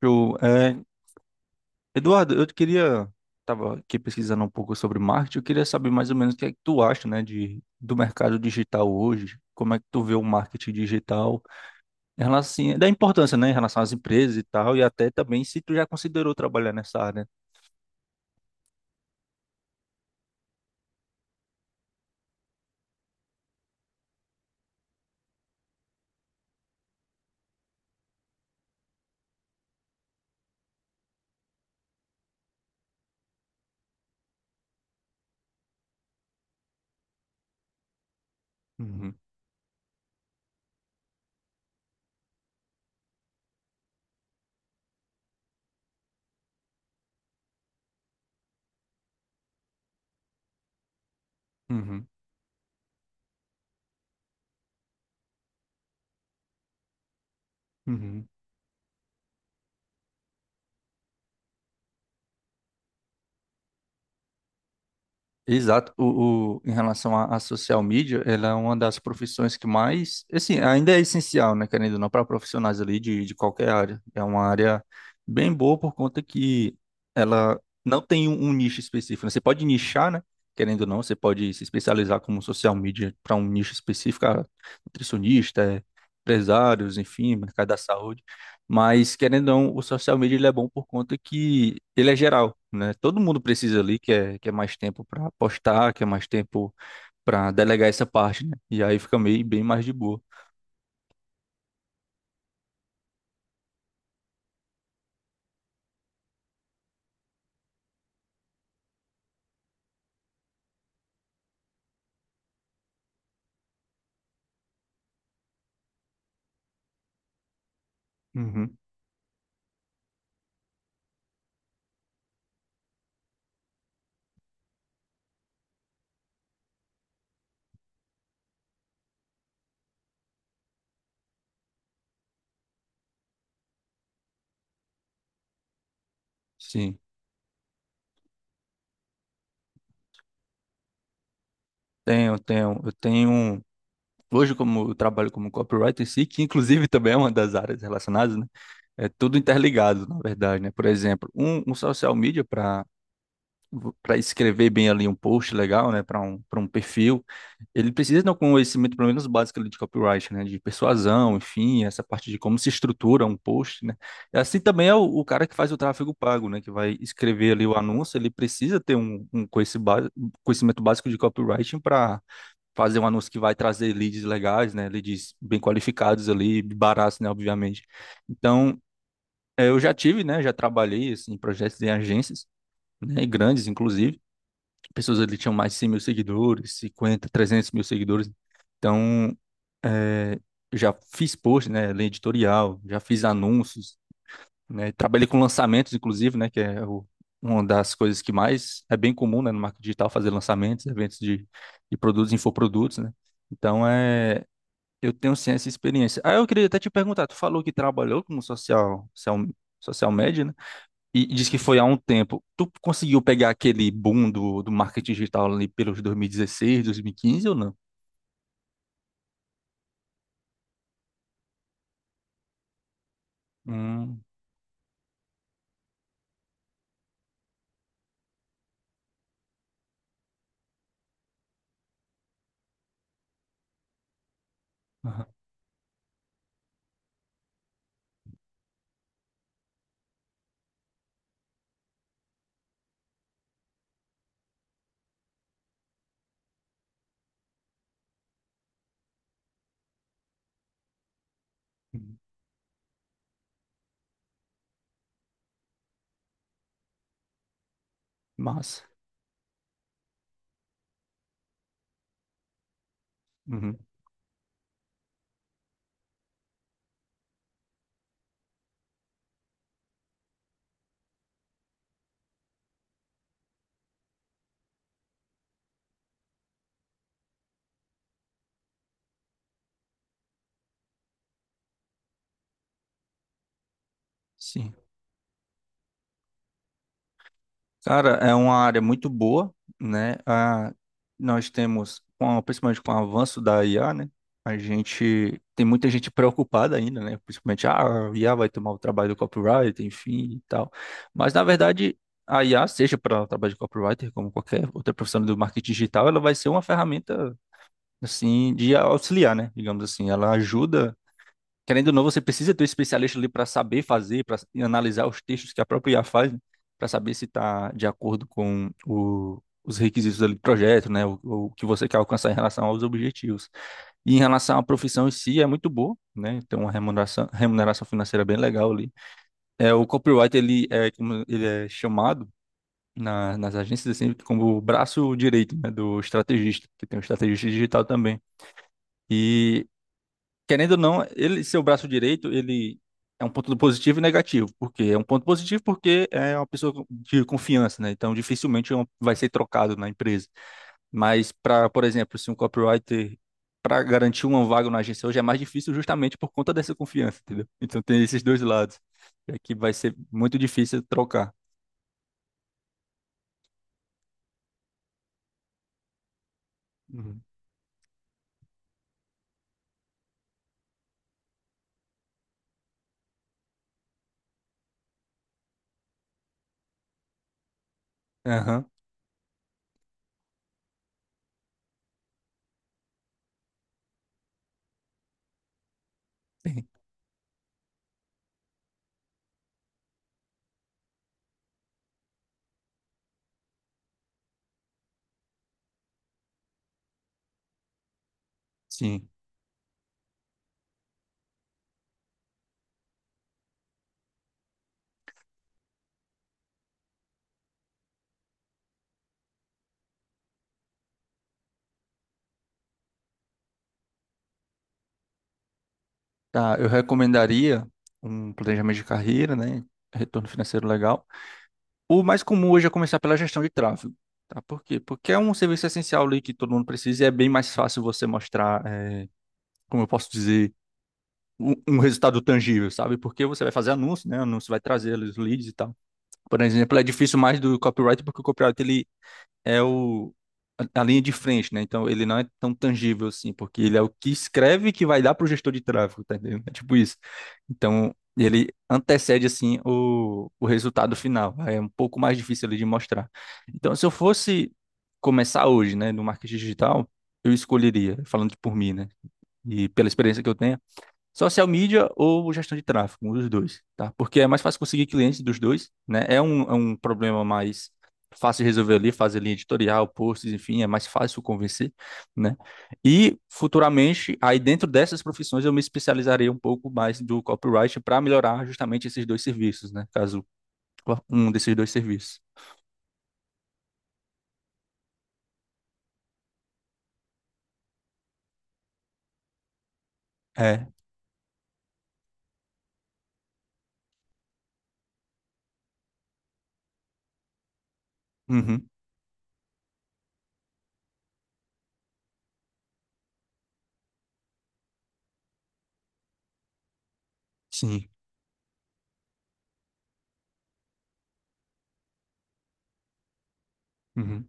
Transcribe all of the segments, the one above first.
Show. Eduardo, eu queria, estava aqui pesquisando um pouco sobre marketing, eu queria saber mais ou menos o que é que tu acha, né, do mercado digital hoje, como é que tu vê o marketing digital, em relação, assim, da importância, né, em relação às empresas e tal, e até também se tu já considerou trabalhar nessa área. Uhum, uhum, uhum. Exato. Em relação à social media, ela é uma das profissões que mais, assim, ainda é essencial, né, querendo ou não, para profissionais ali de qualquer área. É uma área bem boa por conta que ela não tem um nicho específico. Né? Você pode nichar, né, querendo ou não, você pode se especializar como social media para um nicho específico, nutricionista, empresários, enfim, mercado da saúde. Mas, querendo ou não, o social media ele é bom por conta que ele é geral, né? Todo mundo precisa ali, quer mais tempo para postar, quer mais tempo para delegar essa parte, né? E aí fica meio bem mais de boa. Uhum. Sim, tenho. Eu tenho. Hoje, como eu trabalho como copywriter em si, que inclusive também é uma das áreas relacionadas, né? É tudo interligado, na verdade, né? Por exemplo, um social media para escrever bem ali um post legal, né, para um perfil, ele precisa ter um conhecimento pelo menos básico ali de copyright, né, de persuasão, enfim, essa parte de como se estrutura um post, né. E assim também é o cara que faz o tráfego pago, né, que vai escrever ali o anúncio, ele precisa ter um conhecimento básico de copywriting para fazer um anúncio que vai trazer leads legais, né, leads bem qualificados ali, baratos, né, obviamente. Então, eu já tive, né, já trabalhei assim em projetos em agências, né, grandes inclusive pessoas ali tinham mais de 100 mil seguidores, 50, 300 mil seguidores. Então, é, já fiz post, né, linha editorial, já fiz anúncios, né, trabalhei com lançamentos, inclusive, né, que é uma das coisas que mais é bem comum, né, no marketing digital, fazer lançamentos, eventos de produtos, infoprodutos, né. Então, eu tenho sim essa experiência. Ah, eu queria até te perguntar, tu falou que trabalhou como social media, né? E diz que foi há um tempo. Tu conseguiu pegar aquele boom do marketing digital ali pelos 2016, 2015 ou não? Hum, aham. Massa. Uhum, sim. Cara, é uma área muito boa, né? Ah, nós temos, principalmente com o avanço da IA, né? A gente tem muita gente preocupada ainda, né? Principalmente, a IA vai tomar o trabalho do copywriter, enfim e tal. Mas, na verdade, a IA, seja para o trabalho de copywriter, como qualquer outra profissional do marketing digital, ela vai ser uma ferramenta, assim, de auxiliar, né? Digamos assim, ela ajuda. Querendo ou não, você precisa ter um especialista ali para saber fazer, para analisar os textos que a própria IA faz, para saber se está de acordo com os requisitos ali do projeto, né? O que você quer alcançar em relação aos objetivos. E em relação à profissão em si, é muito boa, né? Tem uma remuneração financeira bem legal ali. É, o copyright, ele é, como ele é chamado nas agências assim, como o braço direito, né, do estrategista, que tem um estrategista digital também. E querendo ou não, ele, seu braço direito, ele é um ponto positivo e negativo. Por quê? É um ponto positivo porque é uma pessoa de confiança, né? Então, dificilmente é vai ser trocado na empresa. Mas, para, por exemplo, se um copywriter, para garantir uma vaga na agência hoje, é mais difícil justamente por conta dessa confiança, entendeu? Então, tem esses dois lados. É que vai ser muito difícil trocar. Uhum. Aham, tem. Sim. Tá, eu recomendaria um planejamento de carreira, né? Retorno financeiro legal. O mais comum hoje é começar pela gestão de tráfego. Tá? Por quê? Porque é um serviço essencial ali que todo mundo precisa e é bem mais fácil você mostrar, como eu posso dizer, um resultado tangível, sabe? Porque você vai fazer anúncio, né? Anúncio vai trazer os leads e tal. Por exemplo, é difícil mais do copyright porque o copyright ele é o a linha de frente, né? Então ele não é tão tangível assim, porque ele é o que escreve que vai dar pro gestor de tráfego, tá entendendo? É tipo isso. Então ele antecede assim o resultado final. É um pouco mais difícil ali de mostrar. Então se eu fosse começar hoje, né, no marketing digital, eu escolheria, falando por mim, né? E pela experiência que eu tenho. Social media ou gestão de tráfego, um dos dois, tá? Porque é mais fácil conseguir clientes dos dois, né? É um problema mais fácil de resolver ali, fazer linha editorial, posts, enfim, é mais fácil convencer, né? E futuramente, aí dentro dessas profissões, eu me especializarei um pouco mais do copyright para melhorar justamente esses dois serviços, né? Caso um desses dois serviços. É, uhum, sim. Uhum.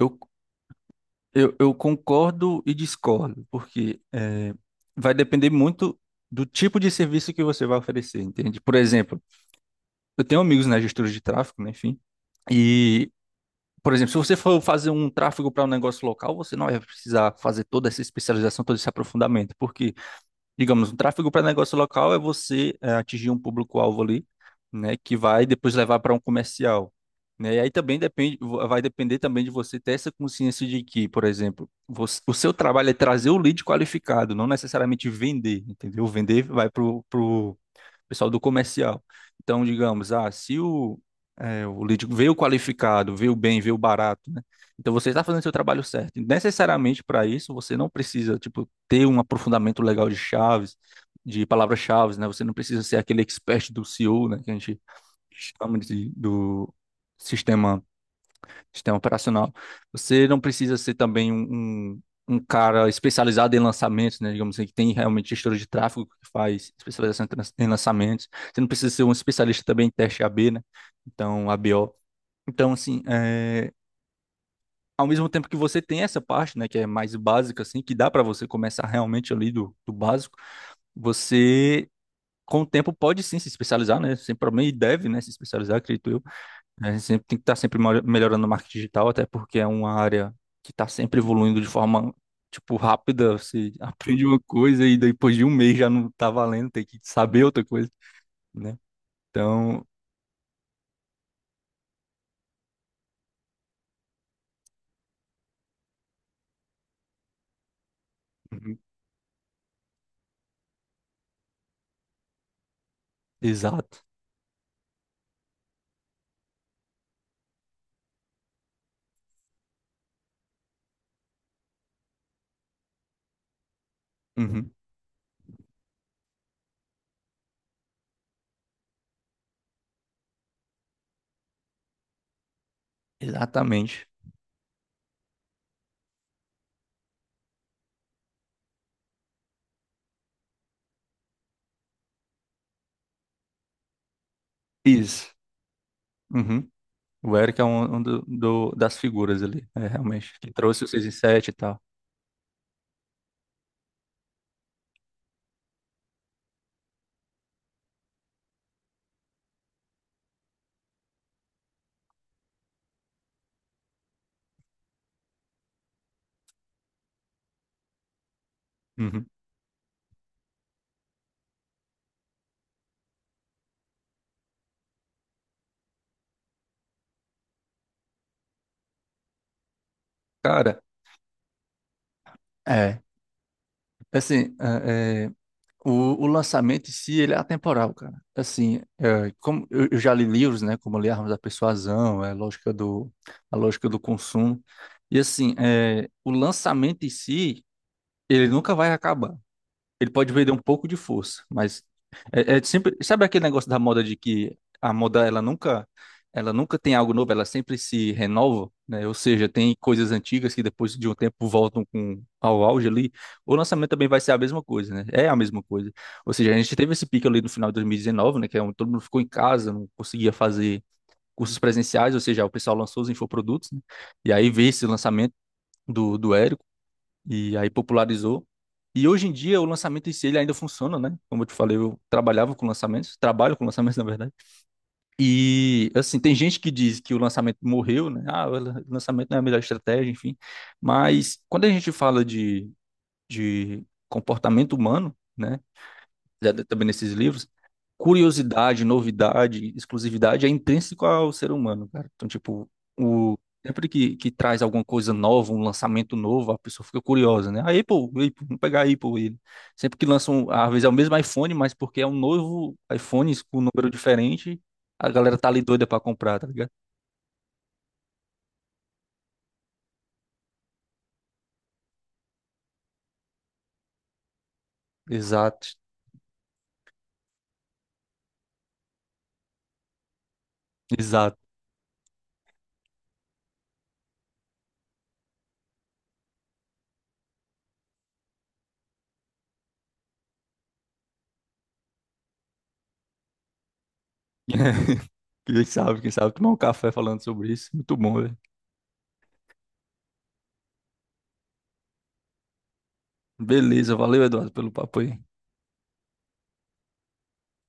Eu eu concordo e discordo, porque vai depender muito do tipo de serviço que você vai oferecer, entende? Por exemplo, eu tenho amigos na gestora de tráfego, né, enfim, e, por exemplo, se você for fazer um tráfego para um negócio local, você não vai precisar fazer toda essa especialização, todo esse aprofundamento, porque digamos, o tráfego para negócio local é você atingir um público-alvo ali, né, que vai depois levar para um comercial, né? E aí também depende, vai depender também de você ter essa consciência de que, por exemplo, o seu trabalho é trazer o lead qualificado, não necessariamente vender, entendeu? Vender vai para o pessoal do comercial. Então, digamos, ah, se o lead veio qualificado, veio bem, veio barato, né? Então você está fazendo seu trabalho certo. E necessariamente para isso, você não precisa, tipo, ter um aprofundamento legal de chaves, de palavras-chaves, né? Você não precisa ser aquele expert do CEO, né? Que a gente chama de, do sistema, sistema operacional. Você não precisa ser também um cara especializado em lançamentos, né? Digamos assim, que tem realmente gestor de tráfego que faz especialização em em lançamentos. Você não precisa ser um especialista também em teste A/B, né? Então, A/B/O. Então, assim, ao mesmo tempo que você tem essa parte, né, que é mais básica, assim, que dá para você começar realmente ali do básico, você, com o tempo, pode sim se especializar, né? Sem problema, e deve, né, se especializar, acredito eu. A gente sempre tem que estar sempre melhorando o marketing digital, até porque é uma área que está sempre evoluindo de forma, tipo, rápida. Você aprende uma coisa e depois de um mês já não tá valendo, tem que saber outra coisa, né? Então, uhum. Exato. Uhum. Exatamente. Isso. Uhum. O Eric é um das figuras ali, é, realmente, que trouxe o 6 e 7 e tal. Uhum. Cara, é. Assim, é, o, o lançamento em si, ele é atemporal, cara. Assim, é, como eu já li livros, né? Como eu li Armas da Persuasão, é, A Lógica do Consumo. E assim, é, o lançamento em si, ele nunca vai acabar. Ele pode vender um pouco de força, mas é sempre, sabe aquele negócio da moda de que a moda ela nunca tem algo novo, ela sempre se renova, né? Ou seja, tem coisas antigas que depois de um tempo voltam com ao auge ali. O lançamento também vai ser a mesma coisa, né? É a mesma coisa. Ou seja, a gente teve esse pico ali no final de 2019, né? Que é onde todo mundo ficou em casa, não conseguia fazer cursos presenciais, ou seja, o pessoal lançou os infoprodutos, né? E aí veio esse lançamento do Érico e aí popularizou. E hoje em dia o lançamento em si ele ainda funciona, né? Como eu te falei, eu trabalhava com lançamentos, trabalho com lançamentos, na verdade. E assim, tem gente que diz que o lançamento morreu, né? Ah, o lançamento não é a melhor estratégia, enfim. Mas quando a gente fala de comportamento humano, né? Né, também nesses livros, curiosidade, novidade, exclusividade é intrínseco ao ser humano, cara. Então, tipo, o, sempre que traz alguma coisa nova, um lançamento novo, a pessoa fica curiosa, né? A Apple, vamos pegar a Apple. Sempre que lançam, às vezes é o mesmo iPhone, mas porque é um novo iPhone com um número diferente, a galera tá ali doida pra comprar, tá ligado? Exato, exato. Quem sabe, tomar um café falando sobre isso. Muito bom, velho. Beleza, valeu, Eduardo, pelo papo aí.